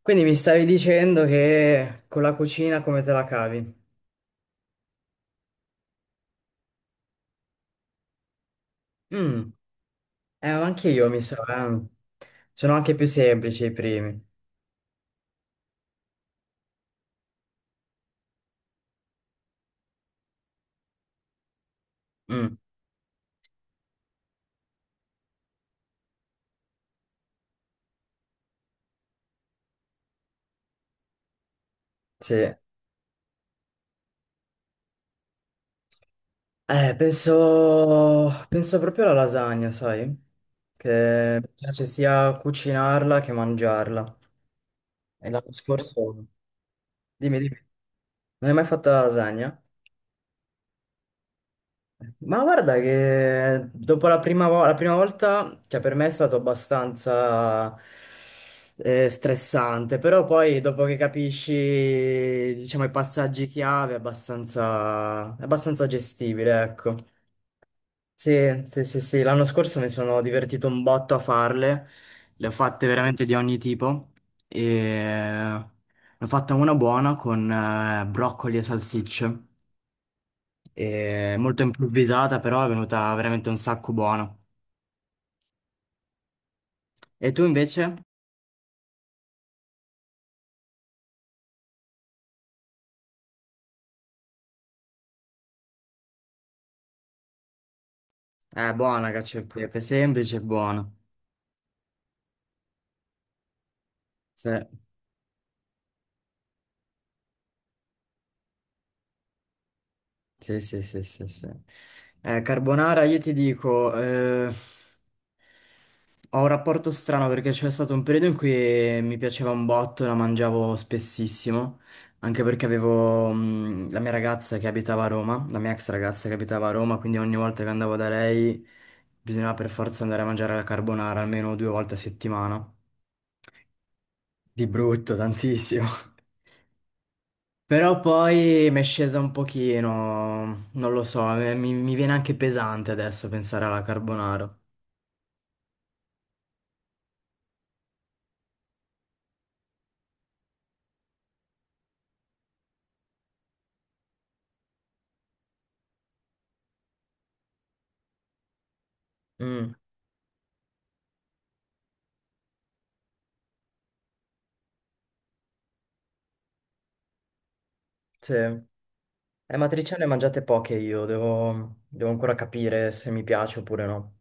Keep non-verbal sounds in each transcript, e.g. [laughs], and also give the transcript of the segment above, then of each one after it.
Quindi mi stavi dicendo che con la cucina come te la cavi? Mm. Anche io mi so, eh. Sono anche più semplici i primi. Mm, sì. Penso proprio alla lasagna, sai? Che mi piace sia cucinarla che mangiarla. E l'anno scorso. Dimmi, dimmi. Non hai mai fatto la lasagna? Ma guarda che dopo la prima, la prima volta, cioè per me è stato abbastanza stressante, però poi dopo che capisci, diciamo, i passaggi chiave è abbastanza gestibile, ecco. Sì, sì, sì, sì, l'anno scorso mi sono divertito un botto a farle, le ho fatte veramente di ogni tipo e ne ho fatta una buona con broccoli e salsicce. E molto improvvisata, però è venuta veramente un sacco buona. E tu invece? È buona cacio e pepe, semplice e buona. Sì, sì, sì, sì, sì, sì. Carbonara, io ti dico, ho un rapporto strano perché c'è stato un periodo in cui mi piaceva un botto, la mangiavo spessissimo, anche perché avevo, la mia ragazza che abitava a Roma, la mia ex ragazza che abitava a Roma, quindi ogni volta che andavo da lei bisognava per forza andare a mangiare la carbonara almeno due volte a settimana. Di brutto, tantissimo. [laughs] Però poi mi è scesa un pochino, non lo so, mi viene anche pesante adesso pensare alla carbonara. Mm, sì. Matriciane ne ho mangiate poche io, devo ancora capire se mi piace oppure no.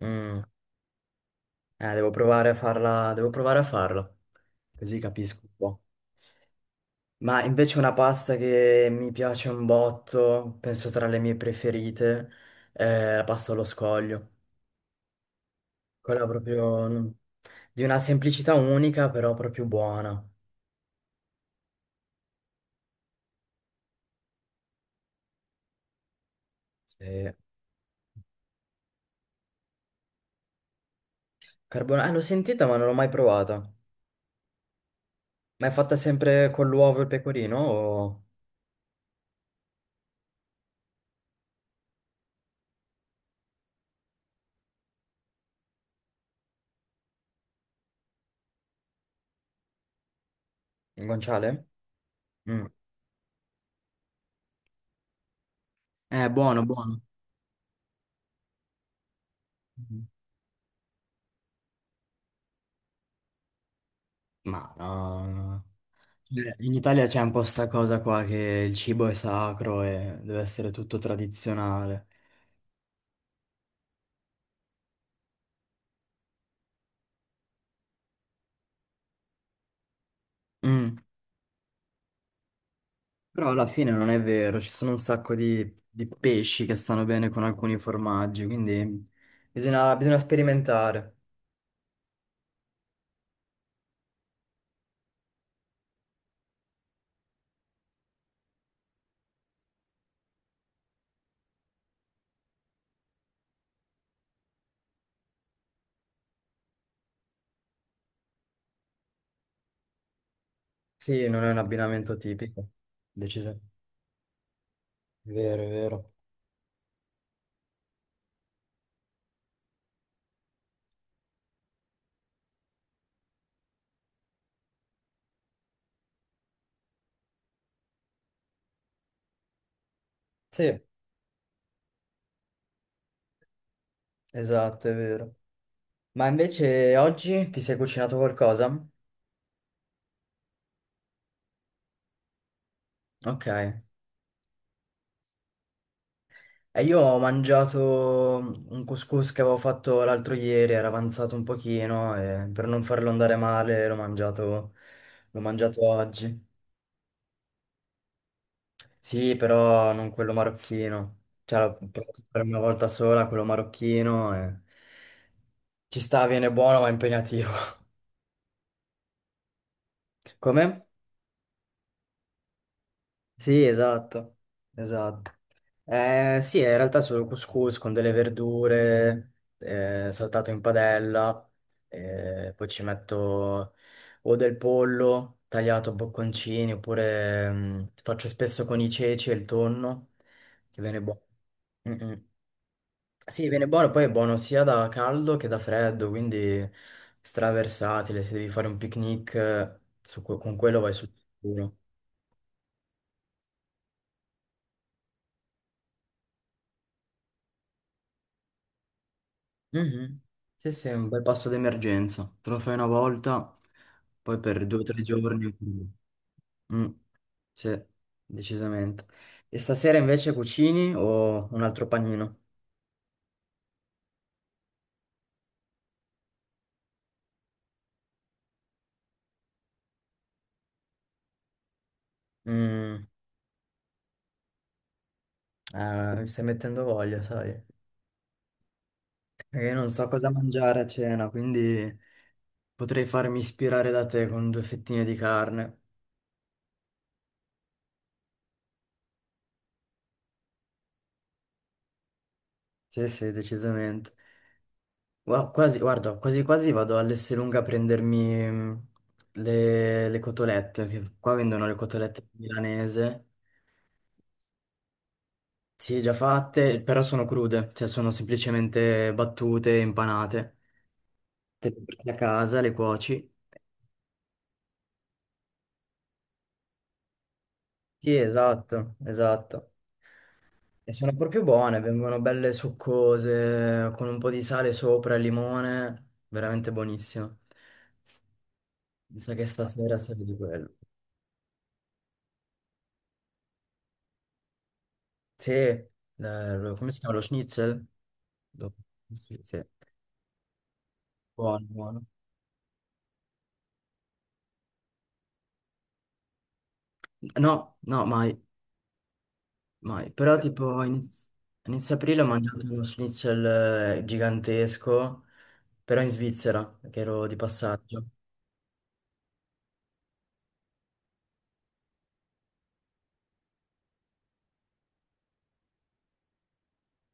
Mm. Devo provare a farla, devo provare a farla, così capisco un po'. Ma invece una pasta che mi piace un botto, penso tra le mie preferite, è la pasta allo scoglio. Quella proprio di una semplicità unica, però proprio buona. Sì. L'ho sentita, ma non l'ho mai provata. Ma è fatta sempre con l'uovo e il pecorino o il guanciale? Mm. È buono, buono. Ma no. Cioè, in Italia c'è un po' sta cosa qua che il cibo è sacro e deve essere tutto tradizionale. Mm. Però alla fine non è vero, ci sono un sacco di pesci che stanno bene con alcuni formaggi, quindi bisogna sperimentare. Sì, non è un abbinamento tipico. Decisamente. Vero, è vero. Sì, esatto, è vero. Ma invece oggi ti sei cucinato qualcosa? Ok. E io ho mangiato un couscous che avevo fatto l'altro ieri, era avanzato un pochino e per non farlo andare male l'ho mangiato oggi. Sì, però non quello marocchino. Cioè, l'ho provato per una volta sola, quello marocchino. Ci sta, viene buono, ma è impegnativo. [laughs] Come? Sì, esatto. Esatto. Sì, in realtà è solo couscous con delle verdure, saltato in padella. Poi ci metto o del pollo tagliato a bocconcini, oppure faccio spesso con i ceci e il tonno, che viene buono. Mm, mm. Sì, viene buono, poi è buono sia da caldo che da freddo, quindi straversatile, se devi fare un picnic con quello vai sul sicuro. Mhm. Sì, sì, è un bel pasto d'emergenza, te lo fai una volta, poi per 2 o 3 giorni. Mm, sì, decisamente. E stasera invece cucini o un altro panino? Mm, mi stai mettendo voglia, sai? Perché io non so cosa mangiare a cena, quindi. Potrei farmi ispirare da te con due fettine di carne. Sì, sì, decisamente. Quasi, guarda, quasi quasi vado all'Esselunga a prendermi le cotolette, che qua vendono le cotolette milanese. Sì, già fatte, però sono crude, cioè sono semplicemente battute, impanate. Te le porti a casa, le cuoci. Sì, esatto, esatto. E sono proprio buone, vengono belle succose, con un po' di sale sopra e limone, veramente buonissimo. Mi sa che stasera serve di quello. Sì, come si chiama lo schnitzel? Lo- Sì, sì. Buono, buono. No, no, mai, mai. Però tipo a inizio aprile ho mangiato uno schnitzel gigantesco, però in Svizzera, che ero di passaggio.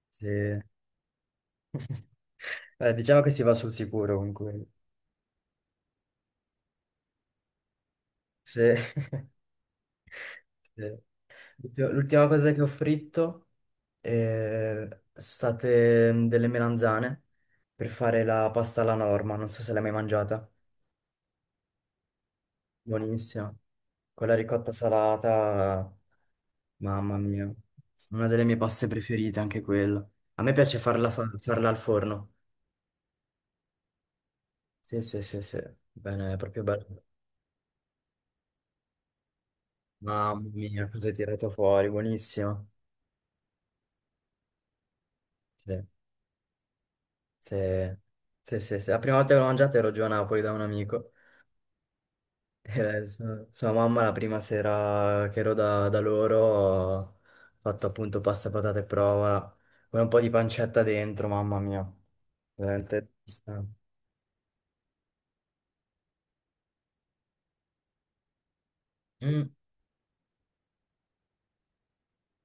Sì. [laughs] Diciamo che si va sul sicuro comunque. Sì. [laughs] Sì. L'ultima cosa che ho fritto. Sono state delle melanzane per fare la pasta alla norma, non so se l'hai mai mangiata. Buonissima. Con la ricotta salata, mamma mia. Una delle mie paste preferite anche quella. A me piace farla, farla al forno. Sì, sì, sì, sì. Bene, è proprio bello. Mamma mia, cosa hai tirato fuori, buonissimo. Sì, sì, sì, sì, sì. La prima volta che l'ho mangiata ero giù a Napoli da un amico. Sua mamma la prima sera che ero da loro ha fatto appunto pasta, patate e prova, con un po' di pancetta dentro, mamma mia. Veramente triste. Mm,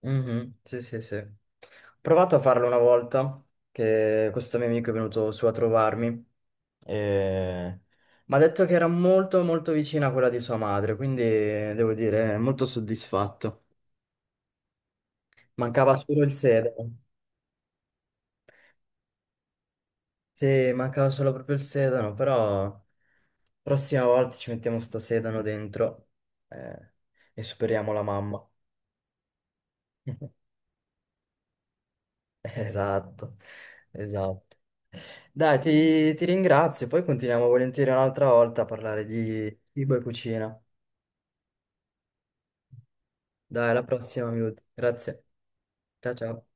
mhm, sì, sì, sì. Ho provato a farlo una volta, che questo mio amico è venuto su a trovarmi e mi ha detto che era molto molto vicina a quella di sua madre, quindi devo dire molto soddisfatto. Mancava solo il sedano. Sì, mancava solo proprio il sedano, però prossima volta ci mettiamo sto sedano dentro eh, e superiamo la mamma. [laughs] Esatto, esatto. Dai, ti ringrazio, poi continuiamo volentieri un'altra volta a parlare di cibo e cucina. Dai, alla prossima, Miut. Grazie. Ciao ciao.